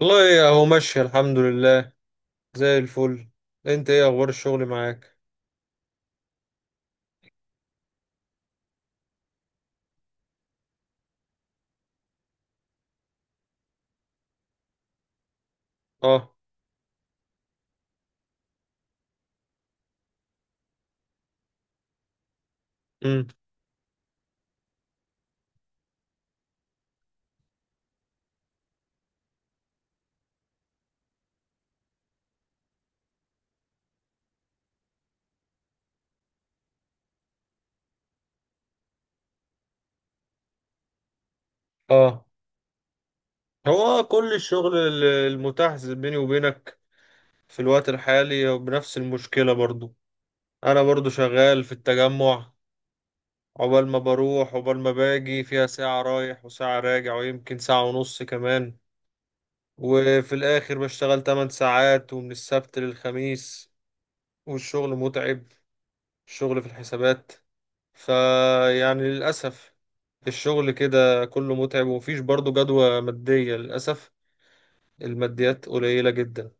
والله اهو ماشي الحمد لله. زي الفل. انت ايه اخبار الشغل معاك؟ اه امم اه هو كل الشغل المتاح بيني وبينك في الوقت الحالي بنفس المشكلة برضو. انا برضو شغال في التجمع، عقبال ما بروح عقبال ما باجي فيها ساعة رايح وساعة راجع ويمكن ساعة ونص كمان. وفي الاخر بشتغل 8 ساعات ومن السبت للخميس. والشغل متعب، الشغل في الحسابات. فيعني للأسف الشغل كده كله متعب، ومفيش برضه جدوى مادية للأسف، الماديات قليلة جدا.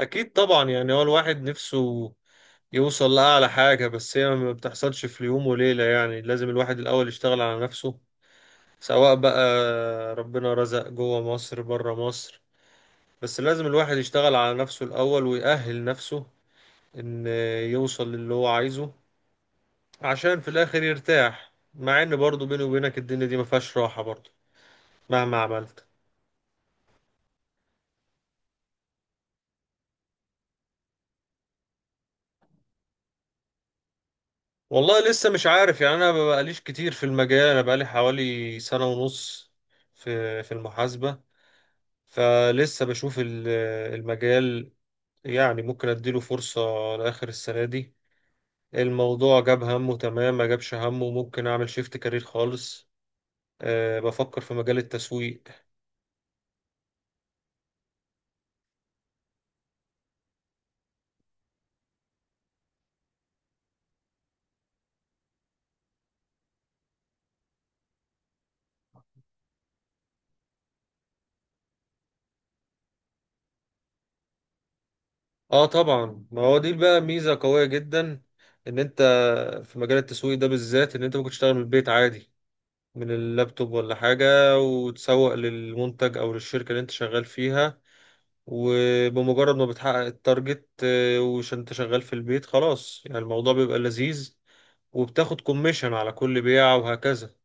أكيد طبعا. يعني هو الواحد نفسه يوصل لأعلى حاجة، بس هي ما بتحصلش في يوم وليلة. يعني لازم الواحد الأول يشتغل على نفسه، سواء بقى ربنا رزق جوه مصر بره مصر، بس لازم الواحد يشتغل على نفسه الأول ويأهل نفسه إن يوصل للي هو عايزه، عشان في الاخر يرتاح. مع ان برضه بيني وبينك الدنيا دي ما فيهاش راحه برضه مهما عملت. والله لسه مش عارف. يعني انا ما بقاليش كتير في المجال، انا بقالي حوالي سنه ونص في المحاسبه. فلسه بشوف المجال. يعني ممكن اديله فرصه لاخر السنه دي، الموضوع جاب همه تمام، ما جابش همه ممكن اعمل شيفت كارير خالص. أه، بفكر في مجال التسويق. اه طبعا. ما هو دي بقى ميزة قوية جدا، ان انت في مجال التسويق ده بالذات ان انت ممكن تشتغل من البيت عادي، من اللابتوب ولا حاجة، وتسوق للمنتج او للشركة اللي انت شغال فيها. وبمجرد ما بتحقق التارجت وش انت شغال في البيت، خلاص يعني الموضوع بيبقى لذيذ، وبتاخد كوميشن على كل بيعة وهكذا.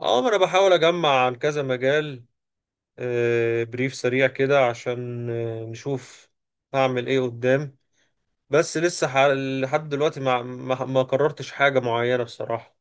اه. ما انا بحاول اجمع عن كذا مجال، بريف سريع كده، عشان نشوف هعمل ايه قدام. بس لسه لحد دلوقتي ما قررتش حاجة معينة بصراحة.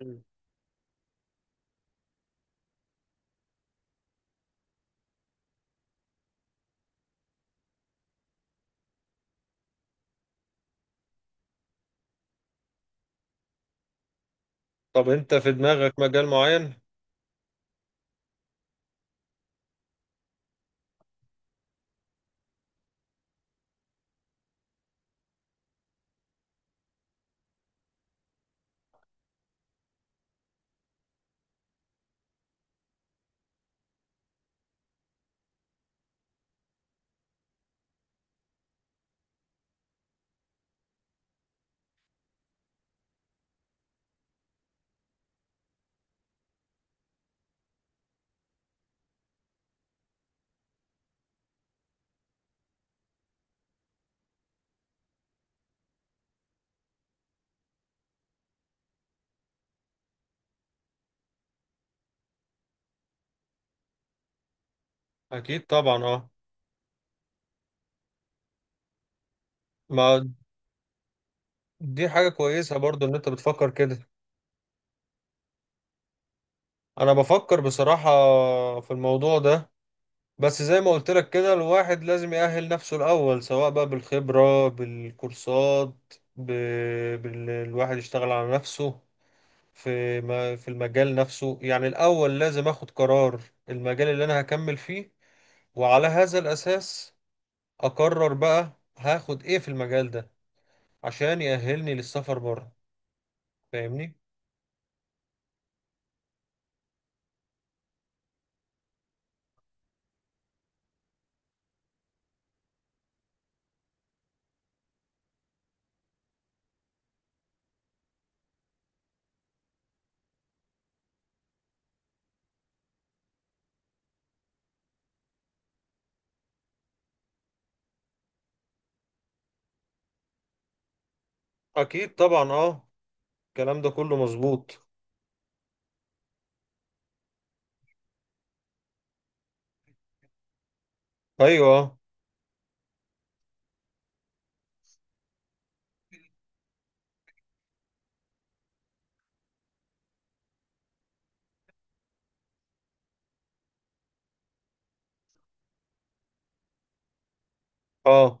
مم. طب انت في دماغك مجال معين؟ اكيد طبعا اه، ما دي حاجة كويسة برضو ان انت بتفكر كده. انا بفكر بصراحة في الموضوع ده، بس زي ما قلت لك كده الواحد لازم يأهل نفسه الاول، سواء بقى بالخبرة، بالكورسات، ب... الواحد يشتغل على نفسه في ما... في المجال نفسه. يعني الاول لازم اخد قرار المجال اللي انا هكمل فيه، وعلى هذا الأساس أقرر بقى هاخد إيه في المجال ده عشان يأهلني للسفر بره. فاهمني؟ أكيد طبعا أه، الكلام ده كله مظبوط. أيوه. أه،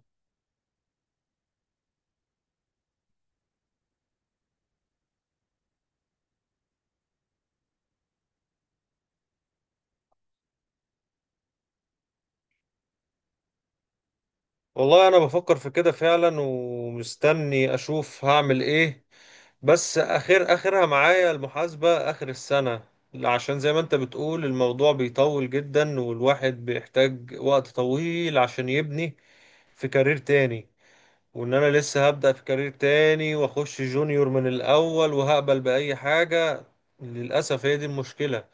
والله أنا بفكر في كده فعلا ومستني أشوف هعمل إيه. بس آخر آخرها معايا المحاسبة آخر السنة، عشان زي ما أنت بتقول الموضوع بيطول جدا، والواحد بيحتاج وقت طويل عشان يبني في كارير تاني. وان انا لسه هبدأ في كارير تاني واخش جونيور من الاول وهقبل بأي حاجة، للأسف هي دي المشكلة.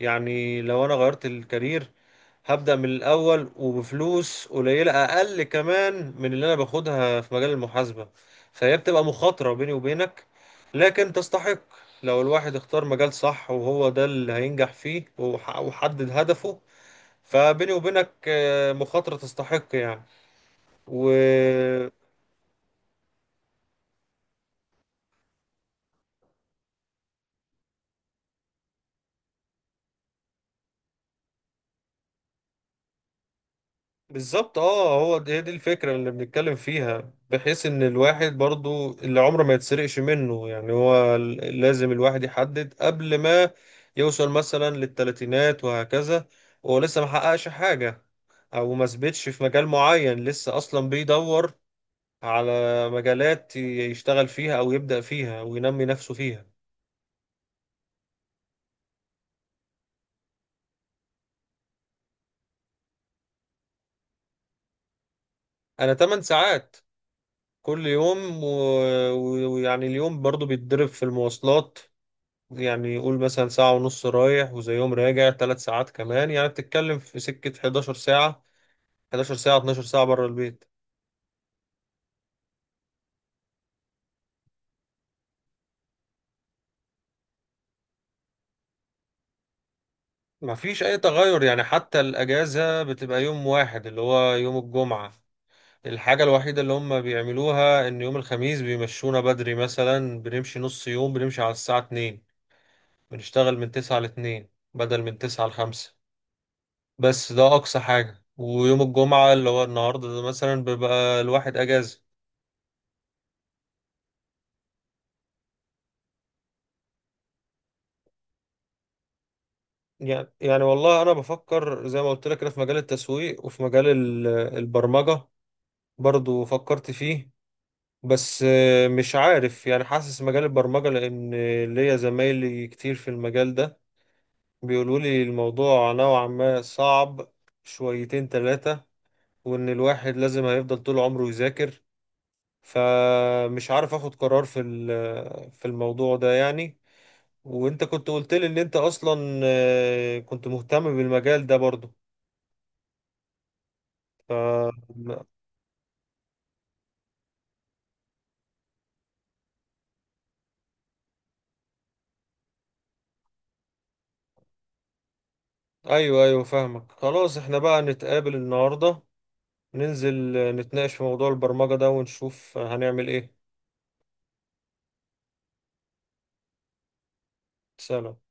يعني لو انا غيرت الكارير هبدأ من الاول وبفلوس قليلة اقل كمان من اللي انا باخدها في مجال المحاسبة. فهي بتبقى مخاطرة بيني وبينك، لكن تستحق لو الواحد اختار مجال صح وهو ده اللي هينجح فيه وحدد هدفه. فبيني وبينك مخاطرة تستحق يعني. بالظبط اه. هو دي, الفكرة اللي بنتكلم فيها، بحيث ان الواحد برضو اللي عمره ما يتسرقش منه. يعني هو لازم الواحد يحدد قبل ما يوصل مثلا للتلاتينات وهكذا وهو لسه ما حققش حاجة، او ما ثبتش في مجال معين، لسه اصلا بيدور على مجالات يشتغل فيها او يبدأ فيها وينمي نفسه فيها. انا 8 ساعات كل يوم. ويعني اليوم برضو بيتضرب في المواصلات. يعني قول مثلا ساعة ونص رايح وزيهم راجع، ثلاث ساعات كمان. يعني بتتكلم في سكة 11 ساعة، 11 ساعة 12 ساعة بره البيت. ما فيش أي تغير. يعني حتى الأجازة بتبقى يوم واحد اللي هو يوم الجمعة. الحاجة الوحيدة اللي هم بيعملوها إن يوم الخميس بيمشونا بدري، مثلا بنمشي نص يوم، بنمشي على الساعة 2، بنشتغل من 9 ل 2 بدل من 9 ل 5. بس ده أقصى حاجة. ويوم الجمعة اللي هو النهاردة ده مثلا بيبقى الواحد أجازة. يعني والله انا بفكر زي ما قلت لك كده في مجال التسويق، وفي مجال البرمجة برضو فكرت فيه. بس مش عارف. يعني حاسس مجال البرمجة، لان ليا زمايلي كتير في المجال ده بيقولوا لي الموضوع نوعا ما صعب، شويتين ثلاثة، وان الواحد لازم هيفضل طول عمره يذاكر. فمش عارف اخد قرار في في الموضوع ده يعني. وانت كنت قلت لي ان انت اصلا كنت مهتم بالمجال ده برضو. ف... ايوه ايوه فاهمك. خلاص احنا بقى نتقابل النهارده، ننزل نتناقش في موضوع البرمجة ده ونشوف هنعمل ايه. سلام.